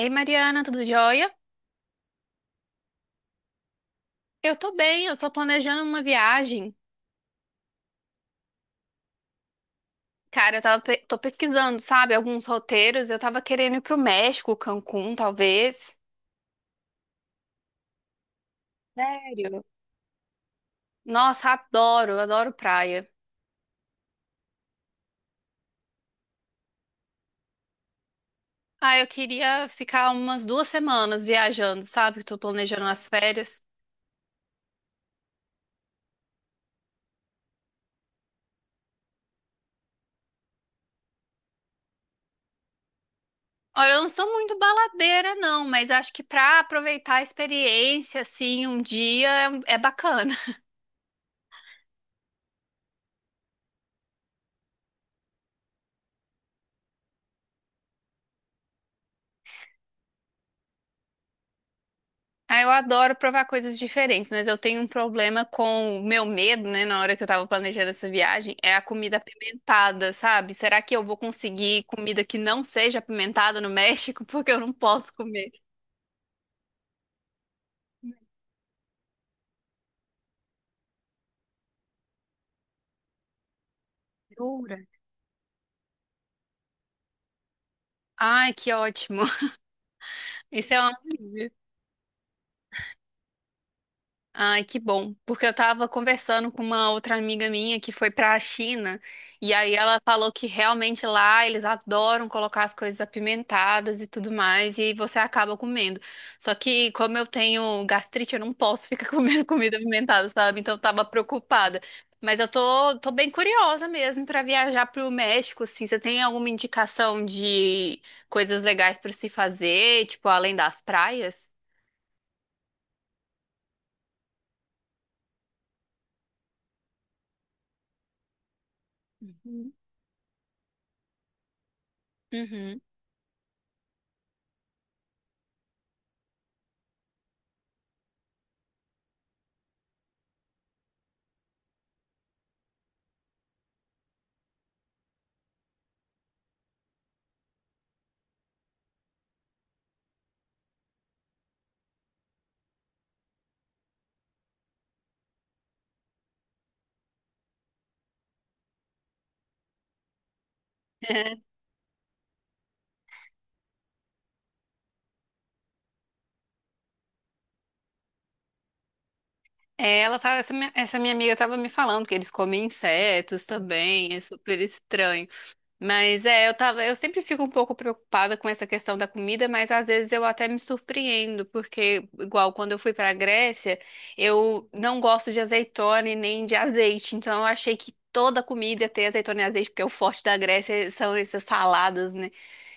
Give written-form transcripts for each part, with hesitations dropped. Ei, Mariana, tudo jóia? Eu tô bem, eu tô planejando uma viagem. Cara, eu tava, tô pesquisando, sabe, alguns roteiros. Eu tava querendo ir pro México, Cancún, talvez. Sério? Nossa, adoro, adoro praia. Ah, eu queria ficar umas duas semanas viajando, sabe? Que tô planejando as férias. Olha, eu não sou muito baladeira, não, mas acho que pra aproveitar a experiência, assim, um dia é bacana. Ah, eu adoro provar coisas diferentes, mas eu tenho um problema com o meu medo, né, na hora que eu tava planejando essa viagem, é a comida apimentada, sabe? Será que eu vou conseguir comida que não seja apimentada no México? Porque eu não posso comer. Jura? Ai, que ótimo. Isso é um alívio. Ai, que bom, porque eu tava conversando com uma outra amiga minha que foi pra China, e aí ela falou que realmente lá eles adoram colocar as coisas apimentadas e tudo mais, e você acaba comendo. Só que como eu tenho gastrite, eu não posso ficar comendo comida apimentada, sabe? Então eu tava preocupada. Mas eu tô bem curiosa mesmo pra viajar pro México, assim. Você tem alguma indicação de coisas legais pra se fazer, tipo, além das praias? Uhum. Uhum. É, essa minha amiga tava me falando que eles comem insetos também, é super estranho. Mas é, eu tava, eu sempre fico um pouco preocupada com essa questão da comida, mas às vezes eu até me surpreendo, porque igual quando eu fui para a Grécia, eu não gosto de azeitona e nem de azeite, então eu achei que toda comida tem azeitona e azeite, porque o forte da Grécia são essas saladas, né,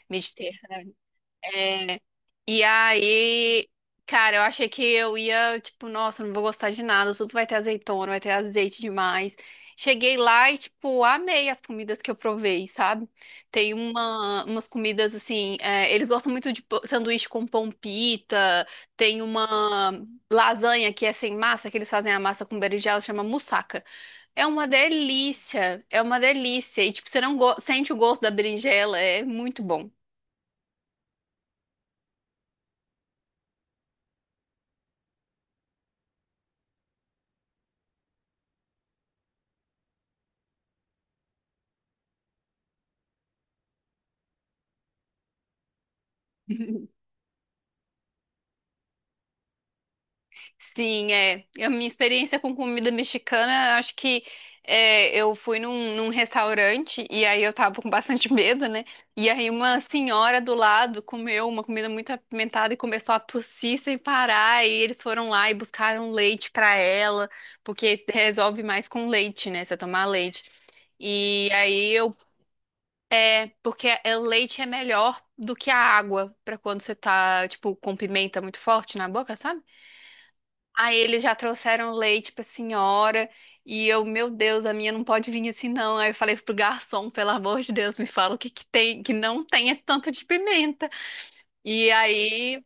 mediterrâneas. E aí, cara, eu achei que eu ia, tipo, nossa, não vou gostar de nada, tudo vai ter azeitona, vai ter azeite demais. Cheguei lá e, tipo, amei as comidas que eu provei, sabe? Tem umas comidas assim, é, eles gostam muito de sanduíche com pão pita, tem uma lasanha que é sem massa, que eles fazem a massa com berinjela, chama moussaka. É uma delícia, é uma delícia. E, tipo, você não sente o gosto da berinjela, é muito bom. Sim, é. A minha experiência com comida mexicana, acho que é, eu fui num restaurante e aí eu tava com bastante medo, né? E aí uma senhora do lado comeu uma comida muito apimentada e começou a tossir sem parar. E eles foram lá e buscaram leite pra ela, porque resolve mais com leite, né? Você tomar leite. E aí eu. É, porque o leite é melhor do que a água pra quando você tá, tipo, com pimenta muito forte na boca, sabe? Aí eles já trouxeram leite pra senhora e eu, meu Deus, a minha não pode vir assim não. Aí eu falei pro garçom, pelo amor de Deus, me fala o que que tem, que não tem esse tanto de pimenta. E aí,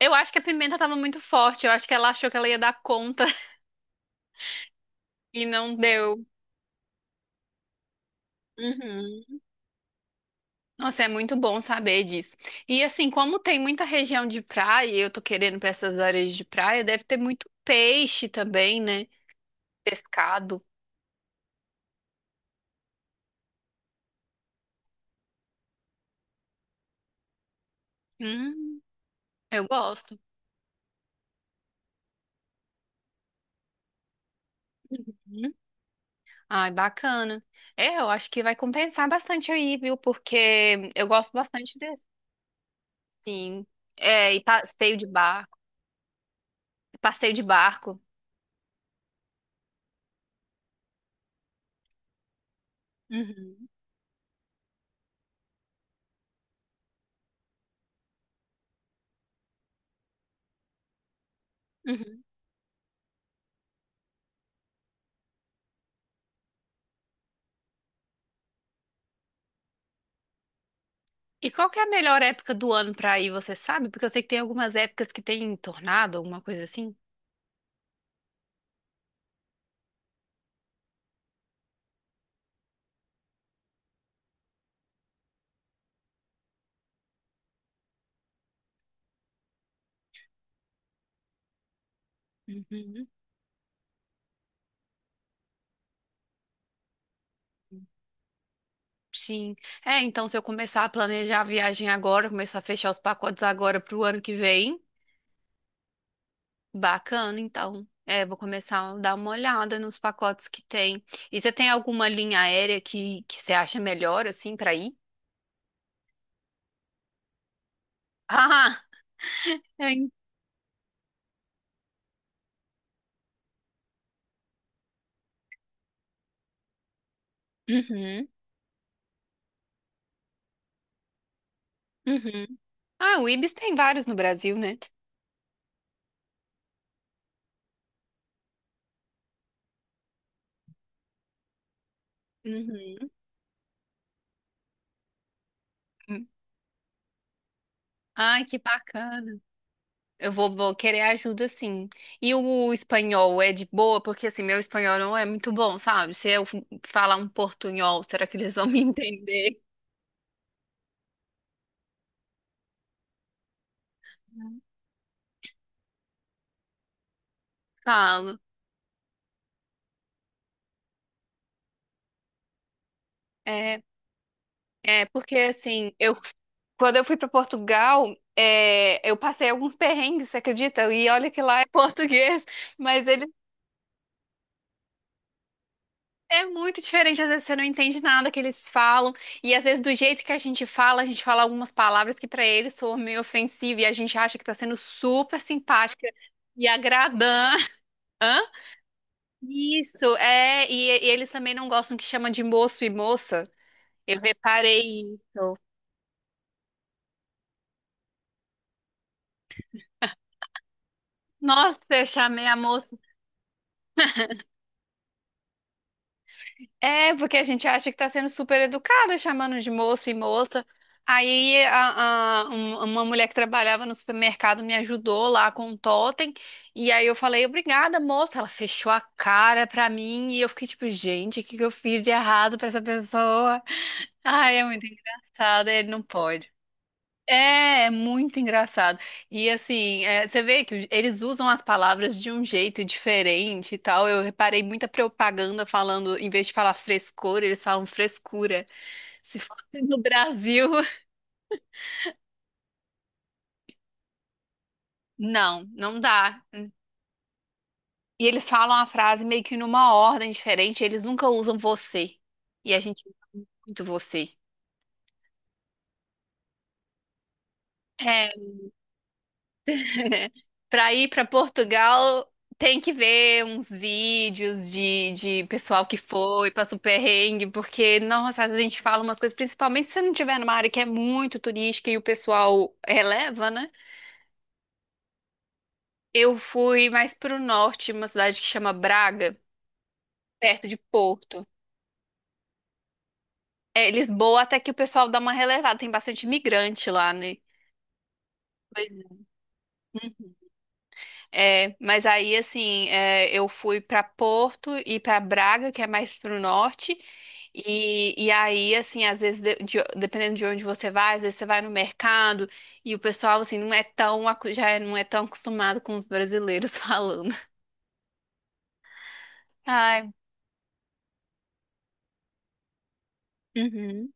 eu acho que a pimenta tava muito forte, eu acho que ela achou que ela ia dar conta e não deu. Uhum. Nossa, é muito bom saber disso. E assim, como tem muita região de praia, e eu tô querendo pra essas áreas de praia, deve ter muito peixe também, né? Pescado. Hum, eu gosto. Ai, bacana. É, eu acho que vai compensar bastante aí, viu? Porque eu gosto bastante desse. Sim. É, e passeio de barco. Passeio de barco. Uhum, uhum. E qual que é a melhor época do ano pra ir, você sabe? Porque eu sei que tem algumas épocas que tem tornado, alguma coisa assim. Uhum. Uhum. Sim. É, então se eu começar a planejar a viagem agora, começar a fechar os pacotes agora pro ano que vem, bacana, então. É, vou começar a dar uma olhada nos pacotes que tem. E você tem alguma linha aérea que você acha melhor, assim, para ir? Ah, é. Uhum, uhum. Ah, o Ibis tem vários no Brasil, né? Uhum. Ai, que bacana. Eu vou, vou querer ajuda, sim. E o espanhol é de boa? Porque, assim, meu espanhol não é muito bom, sabe? Se eu falar um portunhol, será que eles vão me entender? Falo. É, é porque assim, eu quando eu fui para Portugal, é, eu passei alguns perrengues, você acredita? E olha que lá é português, mas ele é muito diferente. Às vezes você não entende nada que eles falam, e às vezes do jeito que a gente fala algumas palavras que para eles soam meio ofensiva e a gente acha que tá sendo super simpática e agradando. Hã? Isso, é, e eles também não gostam que chama de moço e moça. Eu reparei isso. Nossa, eu chamei a moça. É, porque a gente acha que tá sendo super educada, chamando de moço e moça. Aí uma mulher que trabalhava no supermercado me ajudou lá com um totem. E aí eu falei, obrigada, moça. Ela fechou a cara pra mim e eu fiquei tipo, gente, o que que eu fiz de errado pra essa pessoa? Ai, é muito engraçado, ele não pode. É, é muito engraçado. E assim, é, você vê que eles usam as palavras de um jeito diferente e tal. Eu reparei muita propaganda falando, em vez de falar frescor, eles falam frescura. Se fosse no Brasil, não, não dá. E eles falam a frase meio que numa ordem diferente, eles nunca usam você. E a gente usa muito você. É, para ir para Portugal, tem que ver uns vídeos de pessoal que foi, passou perrengue, porque, nossa, a gente fala umas coisas, principalmente se você não estiver numa área que é muito turística e o pessoal releva, né? Eu fui mais pro norte, uma cidade que chama Braga, perto de Porto. É, Lisboa, até que o pessoal dá uma relevada, tem bastante imigrante lá, né? Pois é. É, mas aí assim, é, eu fui pra Porto e pra Braga, que é mais pro norte. E aí, assim, às vezes, dependendo de onde você vai, às vezes você vai no mercado e o pessoal, assim, não é tão, já é, não é tão acostumado com os brasileiros falando. Ai, uhum.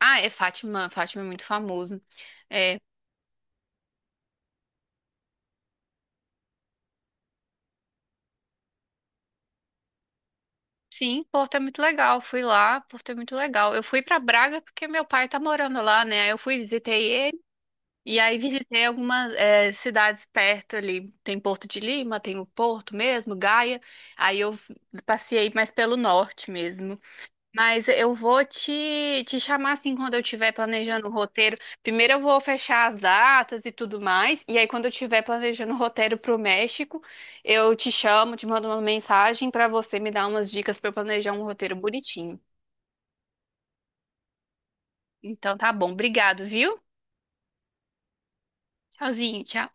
Ah, é Fátima. Fátima é muito famoso. É, sim, Porto é muito legal. Fui lá, Porto é muito legal. Eu fui pra Braga porque meu pai tá morando lá, né? Aí eu fui, visitei. E aí visitei algumas cidades perto ali. Tem Porto de Lima, tem o Porto mesmo, Gaia. Aí eu passei mais pelo norte mesmo. Mas eu vou te chamar assim quando eu estiver planejando o roteiro. Primeiro eu vou fechar as datas e tudo mais. E aí quando eu estiver planejando o roteiro pro México, eu te chamo, te mando uma mensagem para você me dar umas dicas para planejar um roteiro bonitinho. Então tá bom, obrigado, viu? Tchauzinho, tchau.